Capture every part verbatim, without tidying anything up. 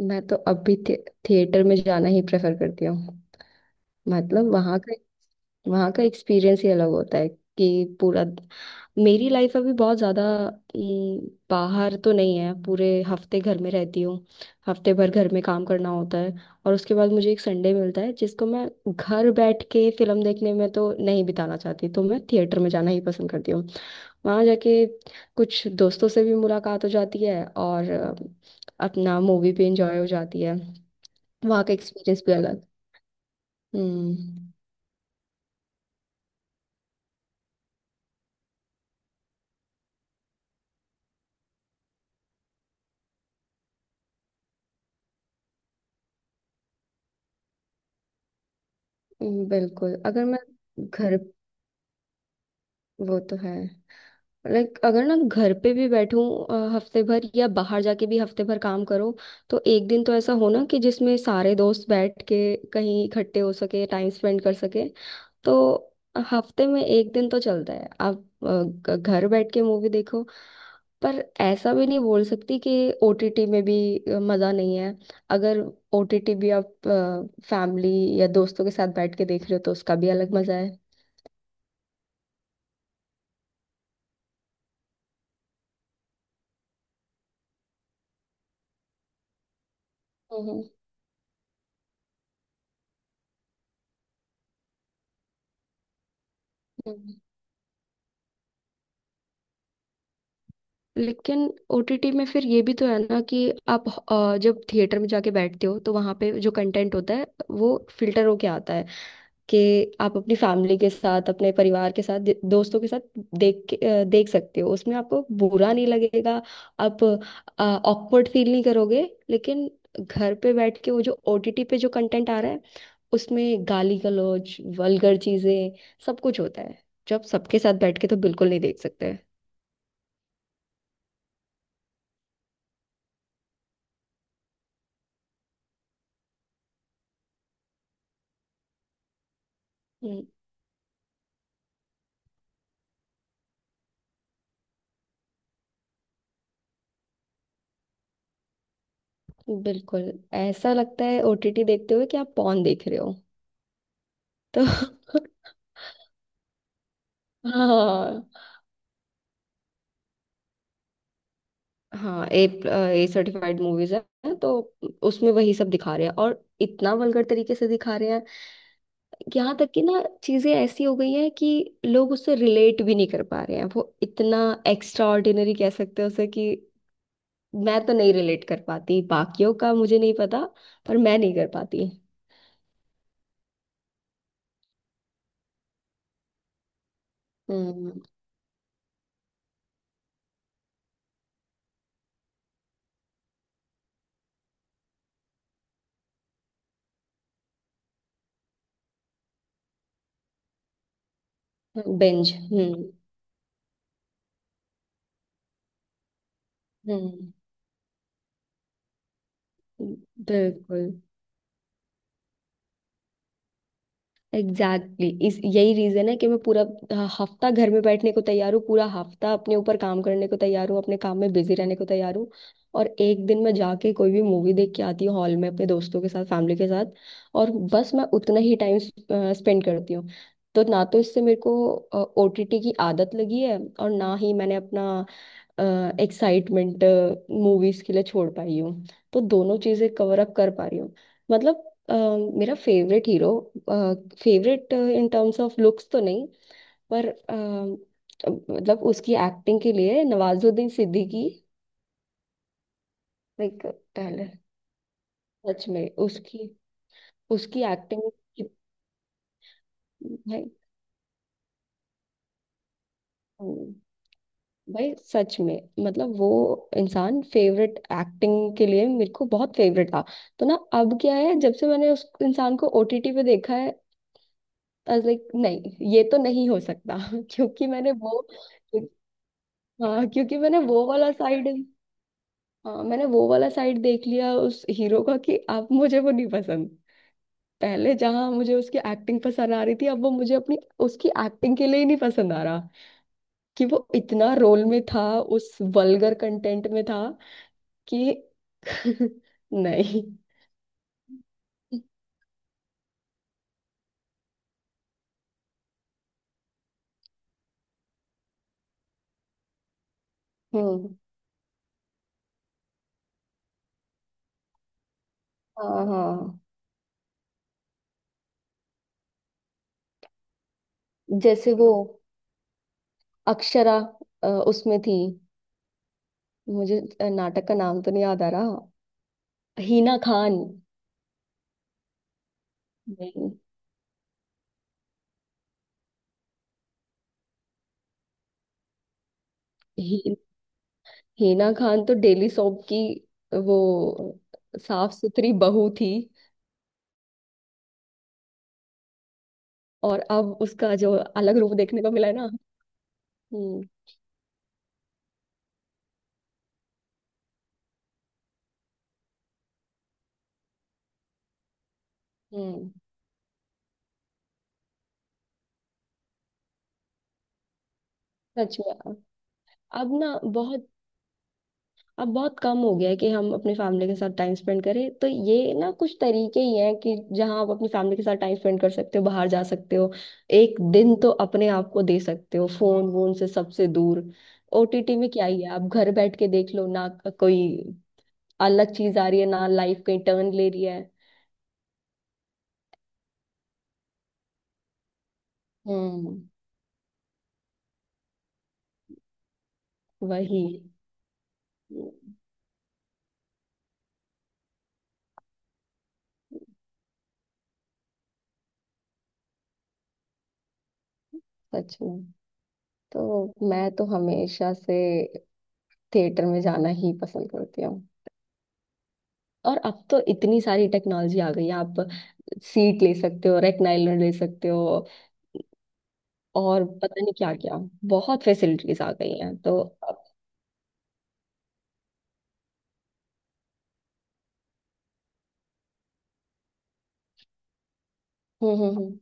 मैं तो अभी थे, थिएटर में जाना ही प्रेफर करती हूँ। मतलब वहाँ का वहाँ का एक्सपीरियंस ही अलग होता है कि पूरा मेरी लाइफ अभी बहुत ज़्यादा अम, बाहर तो नहीं है, पूरे हफ्ते घर में रहती हूँ। हफ्ते भर घर में काम करना होता है और उसके बाद मुझे एक संडे मिलता है जिसको मैं घर बैठ के फिल्म देखने में तो नहीं बिताना चाहती, तो मैं थिएटर में जाना ही पसंद करती हूँ। वहाँ जाके कुछ दोस्तों से भी मुलाकात हो जाती है और अ, अपना मूवी भी इंजॉय हो जाती है। वहाँ का एक्सपीरियंस भी अलग। हम्म बिल्कुल। अगर मैं घर, वो तो है। लाइक अगर ना घर पे भी बैठूं, अ, हफ्ते भर या बाहर जाके भी हफ्ते भर काम करो, तो एक दिन तो ऐसा हो ना कि जिसमें सारे दोस्त बैठ के कहीं इकट्ठे हो सके, टाइम स्पेंड कर सके। तो हफ्ते में एक दिन तो चलता है आप अ, घ- घर बैठ के मूवी देखो। पर ऐसा भी नहीं बोल सकती कि ओटीटी में भी अ, मजा नहीं है। अगर ओटीटी भी आप फैमिली या दोस्तों के साथ बैठ के देख रहे हो तो उसका भी अलग मजा है। हम्म हम्म। लेकिन ओटीटी में फिर ये भी तो है ना कि आप, अ, जब थिएटर में जाके बैठते हो तो वहां पे जो कंटेंट होता है वो फिल्टर होके आता है कि आप अपनी फैमिली के साथ, अपने परिवार के साथ, दे- दोस्तों के साथ देख के, अ, देख सकते हो, उसमें आपको बुरा नहीं लगेगा, आप ऑकवर्ड फील नहीं करोगे। लेकिन घर पे बैठ के वो जो ओटीटी पे जो कंटेंट आ रहा है, उसमें गाली गलौज, वल्गर चीजें, सब कुछ होता है, जो आप सबके साथ बैठ के तो बिल्कुल नहीं देख सकते। हम्म, बिल्कुल। ऐसा लगता है ओटीटी देखते हुए कि आप पॉन देख रहे हो। तो हाँ। हाँ ए ए सर्टिफाइड मूवीज है तो उसमें वही सब दिखा रहे हैं और इतना वल्गर तरीके से दिखा रहे हैं। यहाँ तक कि ना चीजें ऐसी हो गई हैं कि लोग उससे रिलेट भी नहीं कर पा रहे हैं, वो इतना एक्स्ट्रा ऑर्डिनरी कह सकते हैं उसे कि मैं तो नहीं रिलेट कर पाती, बाकियों का मुझे नहीं पता, पर मैं नहीं कर पाती। हम्म। बेंज, हम्म binge। हम्म हम्म। बिल्कुल। Exactly, exactly। इस यही रीजन है कि मैं पूरा ह- हफ्ता घर में बैठने को तैयार हूँ, पूरा हफ्ता अपने ऊपर काम करने को तैयार हूँ, अपने काम में बिजी रहने को तैयार हूँ। और एक दिन मैं जाके कोई भी मूवी देख के आती हूँ हॉल में अपने दोस्तों के साथ, फैमिली के साथ, और बस मैं उतना ही टाइम स्पेंड करती हूँ। तो ना तो इससे मेरे को ओटीटी की आदत लगी है और ना ही मैंने अपना एक्साइटमेंट मूवीज के लिए छोड़ पाई हूँ। तो दोनों चीजें कवर अप कर पा रही हूँ। मतलब अ, मेरा favourite hero, favourite in terms of looks तो नहीं, पर अ, अ, मतलब उसकी एक्टिंग के लिए, नवाजुद्दीन सिद्दीकी। लाइक टैलेंट, सच में उसकी उसकी एक्टिंग, भाई, भाई, सच में, मतलब वो इंसान फेवरेट, एक्टिंग के लिए मेरे को बहुत फेवरेट था। तो ना अब क्या है, जब से मैंने उस इंसान को ओटीटी पे देखा है, आई वाज लाइक नहीं, ये तो नहीं हो सकता। क्योंकि मैंने वो, हाँ, क्योंकि मैंने वो वाला साइड, हाँ मैंने वो वाला साइड देख लिया उस हीरो का कि अब मुझे वो नहीं पसंद। पहले जहां मुझे उसकी एक्टिंग पसंद आ रही थी, अब वो मुझे अपनी, उसकी एक्टिंग के लिए ही नहीं पसंद आ रहा कि वो इतना रोल में था, उस वल्गर कंटेंट में था कि नहीं। हम्म हाँ हाँ। जैसे वो अक्षरा, अ, उसमें थी, मुझे अ, नाटक का नाम तो नहीं याद आ रहा। हीना खान। नहीं, ही, हीना खान तो डेली सोप की वो साफ सुथरी बहू थी। और अब उसका जो अलग रूप देखने को मिला है ना। हम्म हम्म। सच में अब ना बहुत, अब बहुत कम हो गया है कि हम अपनी फैमिली के साथ टाइम स्पेंड करें, तो ये ना कुछ तरीके ही हैं कि जहां आप अपनी फैमिली के साथ टाइम स्पेंड कर सकते हो, बाहर जा सकते हो। एक दिन तो अपने आप को दे सकते हो फोन वोन से सबसे दूर। ओटीटी में क्या ही है, आप घर बैठ के देख लो ना। कोई अलग चीज आ रही है ना, लाइफ कहीं टर्न ले रही है। हम्म वही, सच में। तो मैं तो हमेशा से थिएटर में जाना ही पसंद करती हूँ। और अब तो इतनी सारी टेक्नोलॉजी आ गई है, आप सीट ले सकते हो, रेक्लाइनर ले सकते हो और पता नहीं क्या क्या, बहुत फैसिलिटीज आ गई हैं। तो अब- हम्म हम्म हम्म।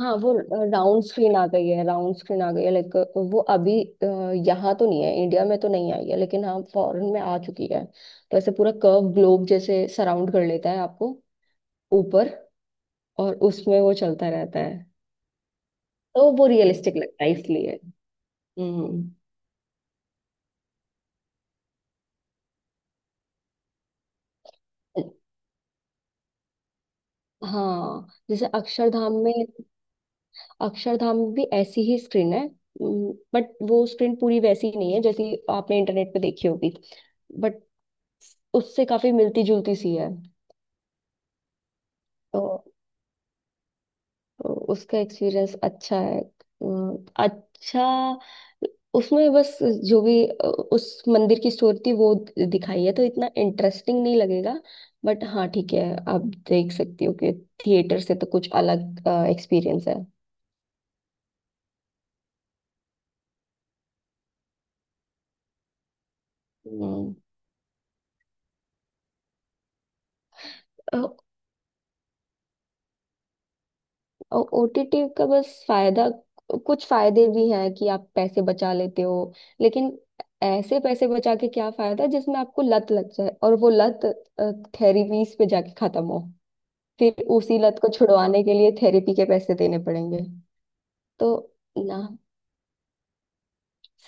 हाँ, वो राउंड स्क्रीन आ गई है राउंड स्क्रीन आ गई है। लाइक वो अभी अ, यहाँ तो नहीं है, इंडिया में तो नहीं आई है, लेकिन हाँ फॉरेन में आ चुकी है। तो ऐसे पूरा कर्व ग्लोब जैसे सराउंड कर लेता है आपको ऊपर, और उसमें वो चलता रहता है। तो वो रियलिस्टिक लगता है, इसलिए। हम्म हाँ, जैसे अक्षरधाम में, अक्षरधाम भी ऐसी ही स्क्रीन है। बट वो स्क्रीन पूरी वैसी नहीं है जैसी आपने इंटरनेट पे देखी होगी, बट उससे काफी मिलती जुलती सी है। तो तो उसका एक्सपीरियंस अच्छा है। अम, अच्छा, उसमें बस जो भी अ, उस मंदिर की स्टोरी थी वो दिखाई है, तो इतना इंटरेस्टिंग नहीं लगेगा, बट हाँ ठीक है, आप देख सकती हो कि थिएटर से तो कुछ अलग एक्सपीरियंस है। हम्म। और ओटीटी का बस फायदा, कुछ फायदे भी हैं कि आप पैसे बचा लेते हो, लेकिन ऐसे पैसे बचा के क्या फायदा जिसमें आपको लत लग जाए और वो लत थेरेपीज पे जाके खत्म हो। फिर उसी लत को छुड़वाने के लिए थेरेपी के पैसे देने पड़ेंगे। तो ना,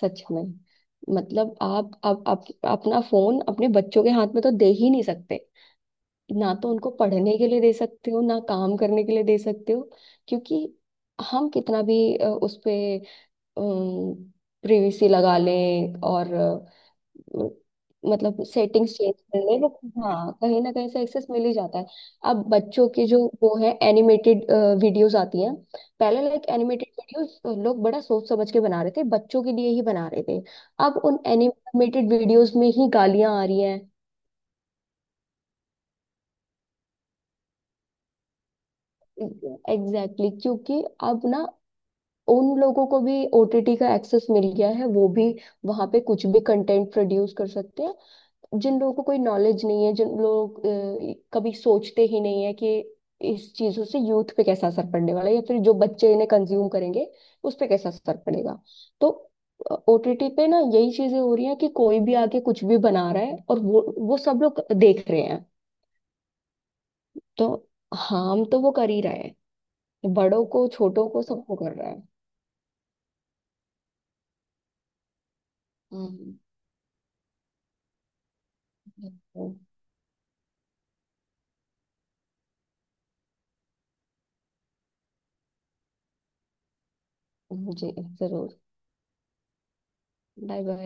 सच में, मतलब आप आप, आप अपना फोन अपने बच्चों के हाथ में तो दे ही नहीं सकते। ना तो उनको पढ़ने के लिए दे सकते हो, ना काम करने के लिए दे सकते हो, क्योंकि हम कितना भी अ, उस पे प्रिवेसी लगा लें और अ, मतलब सेटिंग्स चेंज कर लें, वो, हाँ कहीं ना कहीं से एक्सेस मिल ही जाता है। अब बच्चों के जो वो है एनिमेटेड वीडियोस आती हैं, पहले लाइक एनिमेटेड वीडियोस लोग बड़ा सोच समझ के बना रहे थे, बच्चों के लिए ही बना रहे थे। अब उन एनिमेटेड वीडियोस में ही गालियां आ रही हैं। एग्जैक्टली, exactly, क्योंकि अब ना उन लोगों को भी ओटीटी का एक्सेस मिल गया है, वो भी वहां पे कुछ भी कंटेंट प्रोड्यूस कर सकते हैं। जिन लोगों को कोई नॉलेज नहीं है, जिन लोग अ, कभी सोचते ही नहीं है कि इस चीजों से यूथ पे कैसा असर पड़ने वाला है या फिर जो बच्चे इन्हें कंज्यूम करेंगे उस पे कैसा असर पड़ेगा। तो ओटीटी पे ना यही चीजें हो रही हैं कि कोई भी आके कुछ भी बना रहा है और वो वो सब लोग देख रहे हैं। तो हार्म तो वो कर ही रहा है, बड़ों को, छोटों को, सबको कर रहा है। हम्म, हम्म, हम्म, जी, जरूर। Bye bye.